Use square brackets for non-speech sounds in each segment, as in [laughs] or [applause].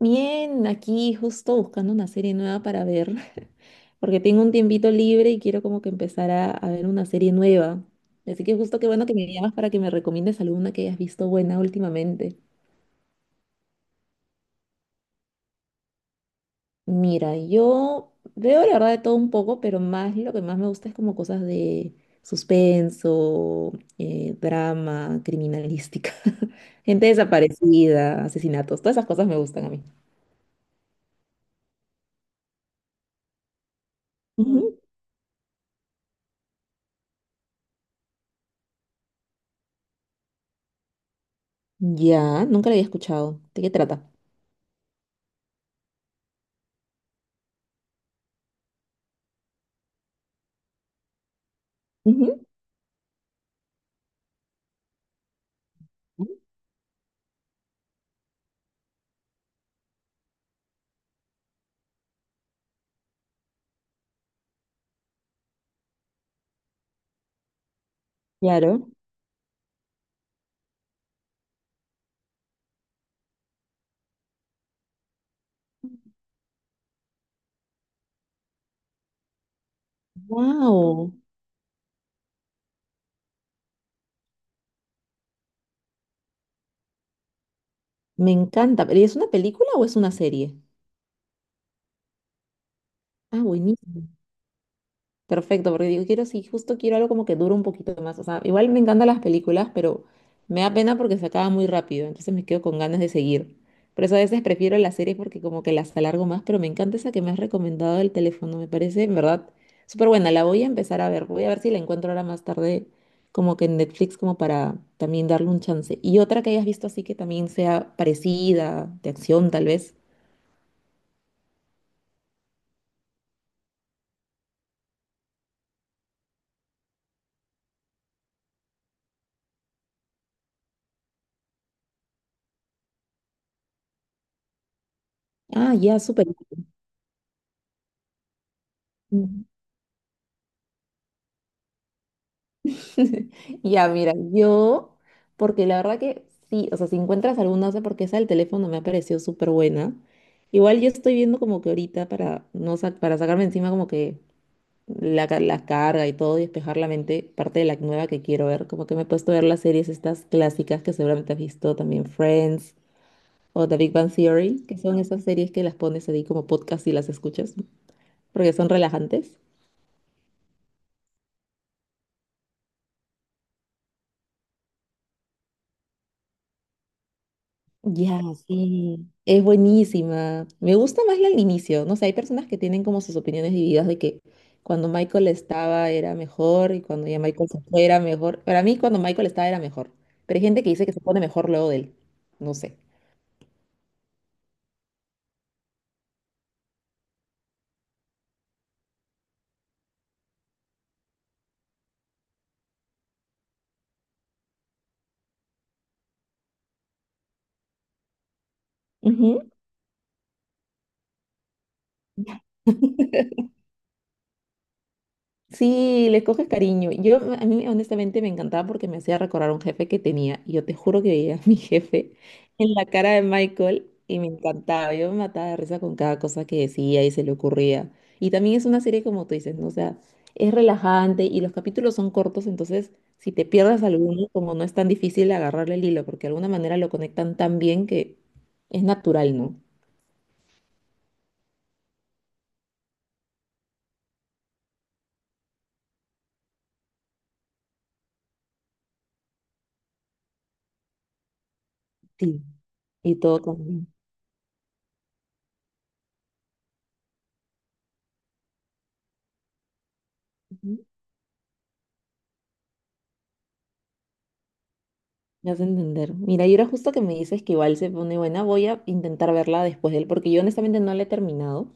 Bien, aquí justo buscando una serie nueva para ver, [laughs] porque tengo un tiempito libre y quiero como que empezar a ver una serie nueva. Así que justo qué bueno que me llamas para que me recomiendes alguna que hayas visto buena últimamente. Mira, yo veo la verdad de todo un poco, pero más lo que más me gusta es como cosas de suspenso, drama, criminalística, [laughs] gente desaparecida, asesinatos, todas esas cosas me gustan a mí. Ujú. Ya, nunca la había escuchado. ¿De qué trata? Ujú. Claro. Wow, me encanta. ¿Pero es una película o es una serie? Ah, buenísimo. Perfecto, porque digo, quiero, sí, justo quiero algo como que dure un poquito más. O sea, igual me encantan las películas, pero me da pena porque se acaba muy rápido, entonces me quedo con ganas de seguir. Por eso a veces prefiero las series porque como que las alargo más, pero me encanta esa que me has recomendado del teléfono, me parece, en verdad, súper buena. La voy a empezar a ver, voy a ver si la encuentro ahora más tarde, como que en Netflix, como para también darle un chance. Y otra que hayas visto así que también sea parecida, de acción tal vez. Ah, ya, súper. [laughs] Ya, mira, yo, porque la verdad que sí, o sea, si encuentras alguna, no sé por qué esa del teléfono me ha parecido súper buena. Igual yo estoy viendo como que ahorita para, no, para sacarme encima como que la, la carga y todo y despejar la mente, parte de la nueva que quiero ver, como que me he puesto a ver las series estas clásicas que seguramente has visto también, Friends o The Big Bang Theory, que son esas series que las pones ahí como podcast y las escuchas, porque son relajantes. Ya, sí. Es buenísima. Me gusta más la al inicio. No sé, hay personas que tienen como sus opiniones divididas de que cuando Michael estaba era mejor y cuando ya Michael se fue era mejor. Para mí, cuando Michael estaba era mejor. Pero hay gente que dice que se pone mejor luego de él. No sé. Sí, les coges cariño. Yo, a mí honestamente me encantaba porque me hacía recordar a un jefe que tenía. Y yo te juro que veía a mi [laughs] jefe en la cara de Michael y me encantaba. Yo me mataba de risa con cada cosa que decía y se le ocurría. Y también es una serie como tú dices, ¿no? O sea, es relajante y los capítulos son cortos, entonces si te pierdes alguno, como no es tan difícil agarrarle el hilo, porque de alguna manera lo conectan tan bien que es natural, ¿no? Sí. Y todo también. Me hace entender. Mira, y ahora justo que me dices que igual se pone buena, voy a intentar verla después de él, porque yo honestamente no la he terminado.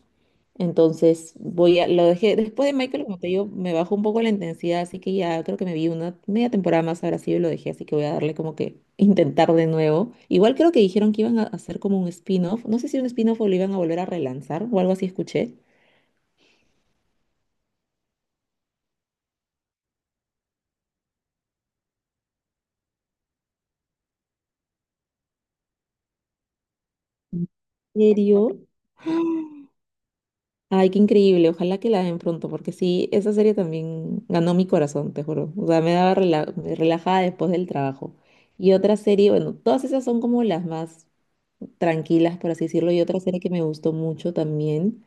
Entonces, voy a, lo dejé, después de Michael, como te digo, me bajó un poco la intensidad, así que ya creo que me vi una media temporada más ahora sí y lo dejé, así que voy a darle como que [laughs] intentar de nuevo. Igual creo que dijeron que iban a hacer como un spin-off, no sé si un spin-off o lo iban a volver a relanzar o algo así escuché. ¿En serio? Ay, qué increíble. Ojalá que la den pronto, porque sí, esa serie también ganó mi corazón, te juro. O sea, me daba relajada después del trabajo. Y otra serie, bueno, todas esas son como las más tranquilas, por así decirlo. Y otra serie que me gustó mucho también,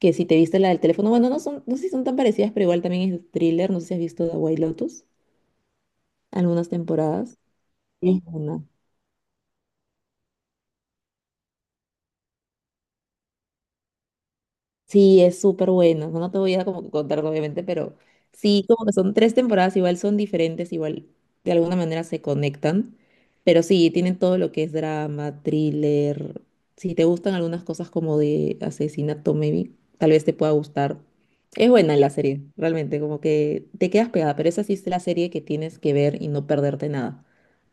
que si te viste la del teléfono, bueno, no son, no sé si son tan parecidas, pero igual también es thriller. No sé si has visto The White Lotus, algunas temporadas. Sí. Sí, es súper bueno. No te voy a como que contar, obviamente, pero sí, como que son tres temporadas, igual son diferentes, igual de alguna manera se conectan. Pero sí, tienen todo lo que es drama, thriller. Si te gustan algunas cosas como de asesinato, maybe, tal vez te pueda gustar. Es buena la serie, realmente, como que te quedas pegada, pero esa sí es la serie que tienes que ver y no perderte nada.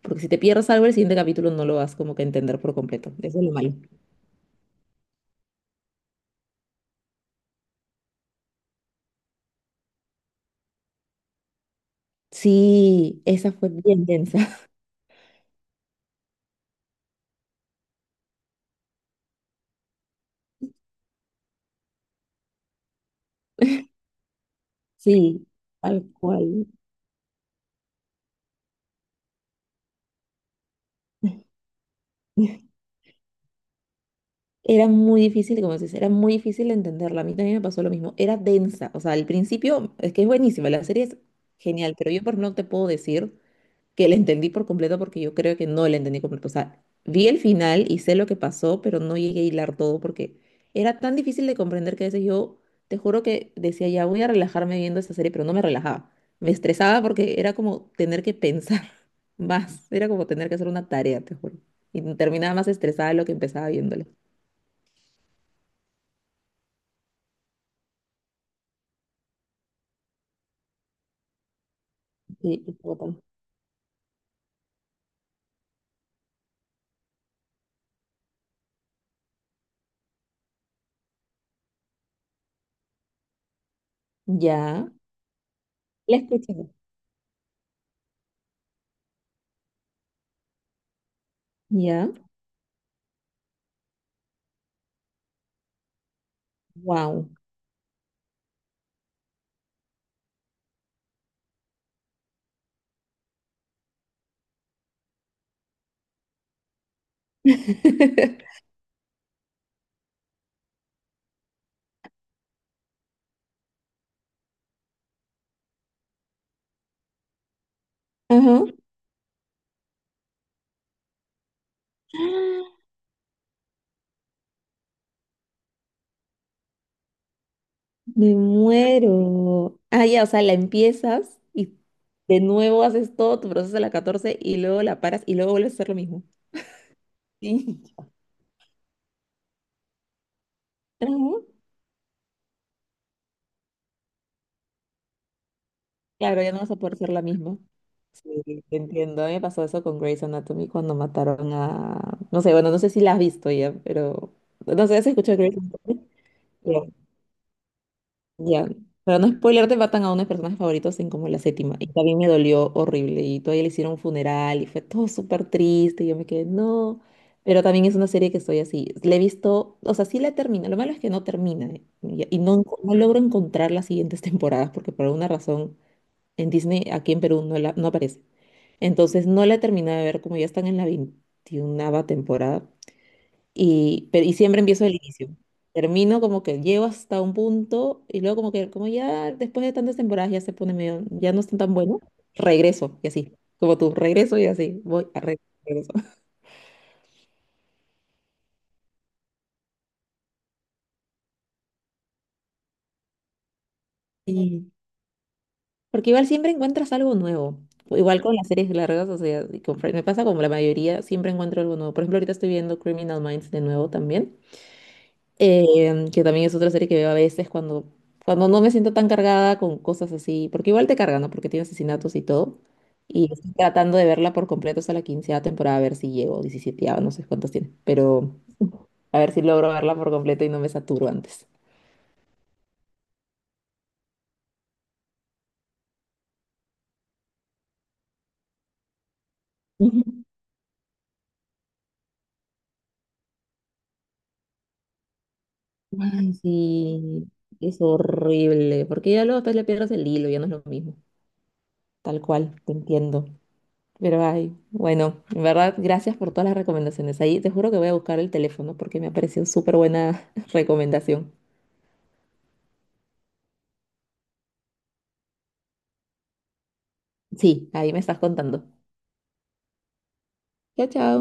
Porque si te pierdes algo, el siguiente capítulo no lo vas como que a entender por completo. Eso es lo malo. Sí, esa fue bien densa. Sí, tal cual. [laughs] Era muy difícil, como dices, era muy difícil entenderla. A mí también me pasó lo mismo. Era densa. O sea, al principio es que es buenísima, la serie es genial, pero yo por no te puedo decir que la entendí por completo porque yo creo que no la entendí completo. O sea, vi el final y sé lo que pasó, pero no llegué a hilar todo porque era tan difícil de comprender que a veces yo, te juro que decía, ya voy a relajarme viendo esta serie, pero no me relajaba. Me estresaba porque era como tener que pensar [laughs] más, era como tener que hacer una tarea, te juro. Y terminaba más estresada de lo que empezaba viéndola. Sí, y todo tal. Ya. La escuché. Ya. Wow. [laughs] Ajá. Me muero. Ah, ya, o sea, la empiezas y de nuevo haces todo tu proceso de la 14 y luego la paras y luego vuelves a hacer lo mismo. Sí, Ujú. Claro, ya no vas a poder ser la misma. Sí, te entiendo. A mí me pasó eso con Grey's Anatomy cuando mataron a, no sé, bueno, no sé si la has visto ya, pero, no sé, ¿has escuchado Grey's Anatomy? Ya, para no spoilearte, matan a uno de mis personajes favoritos en como la séptima. Y también me dolió horrible. Y todavía le hicieron un funeral y fue todo súper triste. Y yo me quedé, no. Pero también es una serie que estoy así. Le he visto, o sea, sí la termina. Lo malo es que no termina. Y no, no logro encontrar las siguientes temporadas porque por alguna razón en Disney, aquí en Perú, no, la, no aparece. Entonces no la he terminado de ver como ya están en la 21 temporada. Y, pero, y siempre empiezo del inicio. Termino como que llego hasta un punto y luego como que como ya después de tantas temporadas ya se pone medio, ya no están tan bueno, regreso y así, como tú, regreso y así, voy a regreso. [laughs] Y, porque igual siempre encuentras algo nuevo. Igual con las series largas, o sea, y con Friends, me pasa como la mayoría, siempre encuentro algo nuevo. Por ejemplo, ahorita estoy viendo Criminal Minds de nuevo también. Que también es otra serie que veo a veces cuando no me siento tan cargada con cosas así, porque igual te cargan, ¿no? Porque tiene asesinatos y todo. Y estoy tratando de verla por completo hasta la quinceava temporada, a ver si llego, 17 no sé cuántos tiene, pero a ver si logro verla por completo y no me saturo antes. [laughs] Ujú. Ay, sí, es horrible, porque ya luego después le pierdes el hilo, ya no es lo mismo. Tal cual, te entiendo. Pero ay, bueno, en verdad, gracias por todas las recomendaciones. Ahí te juro que voy a buscar el teléfono porque me ha parecido súper buena [laughs] recomendación. Sí, ahí me estás contando. Chao, chao.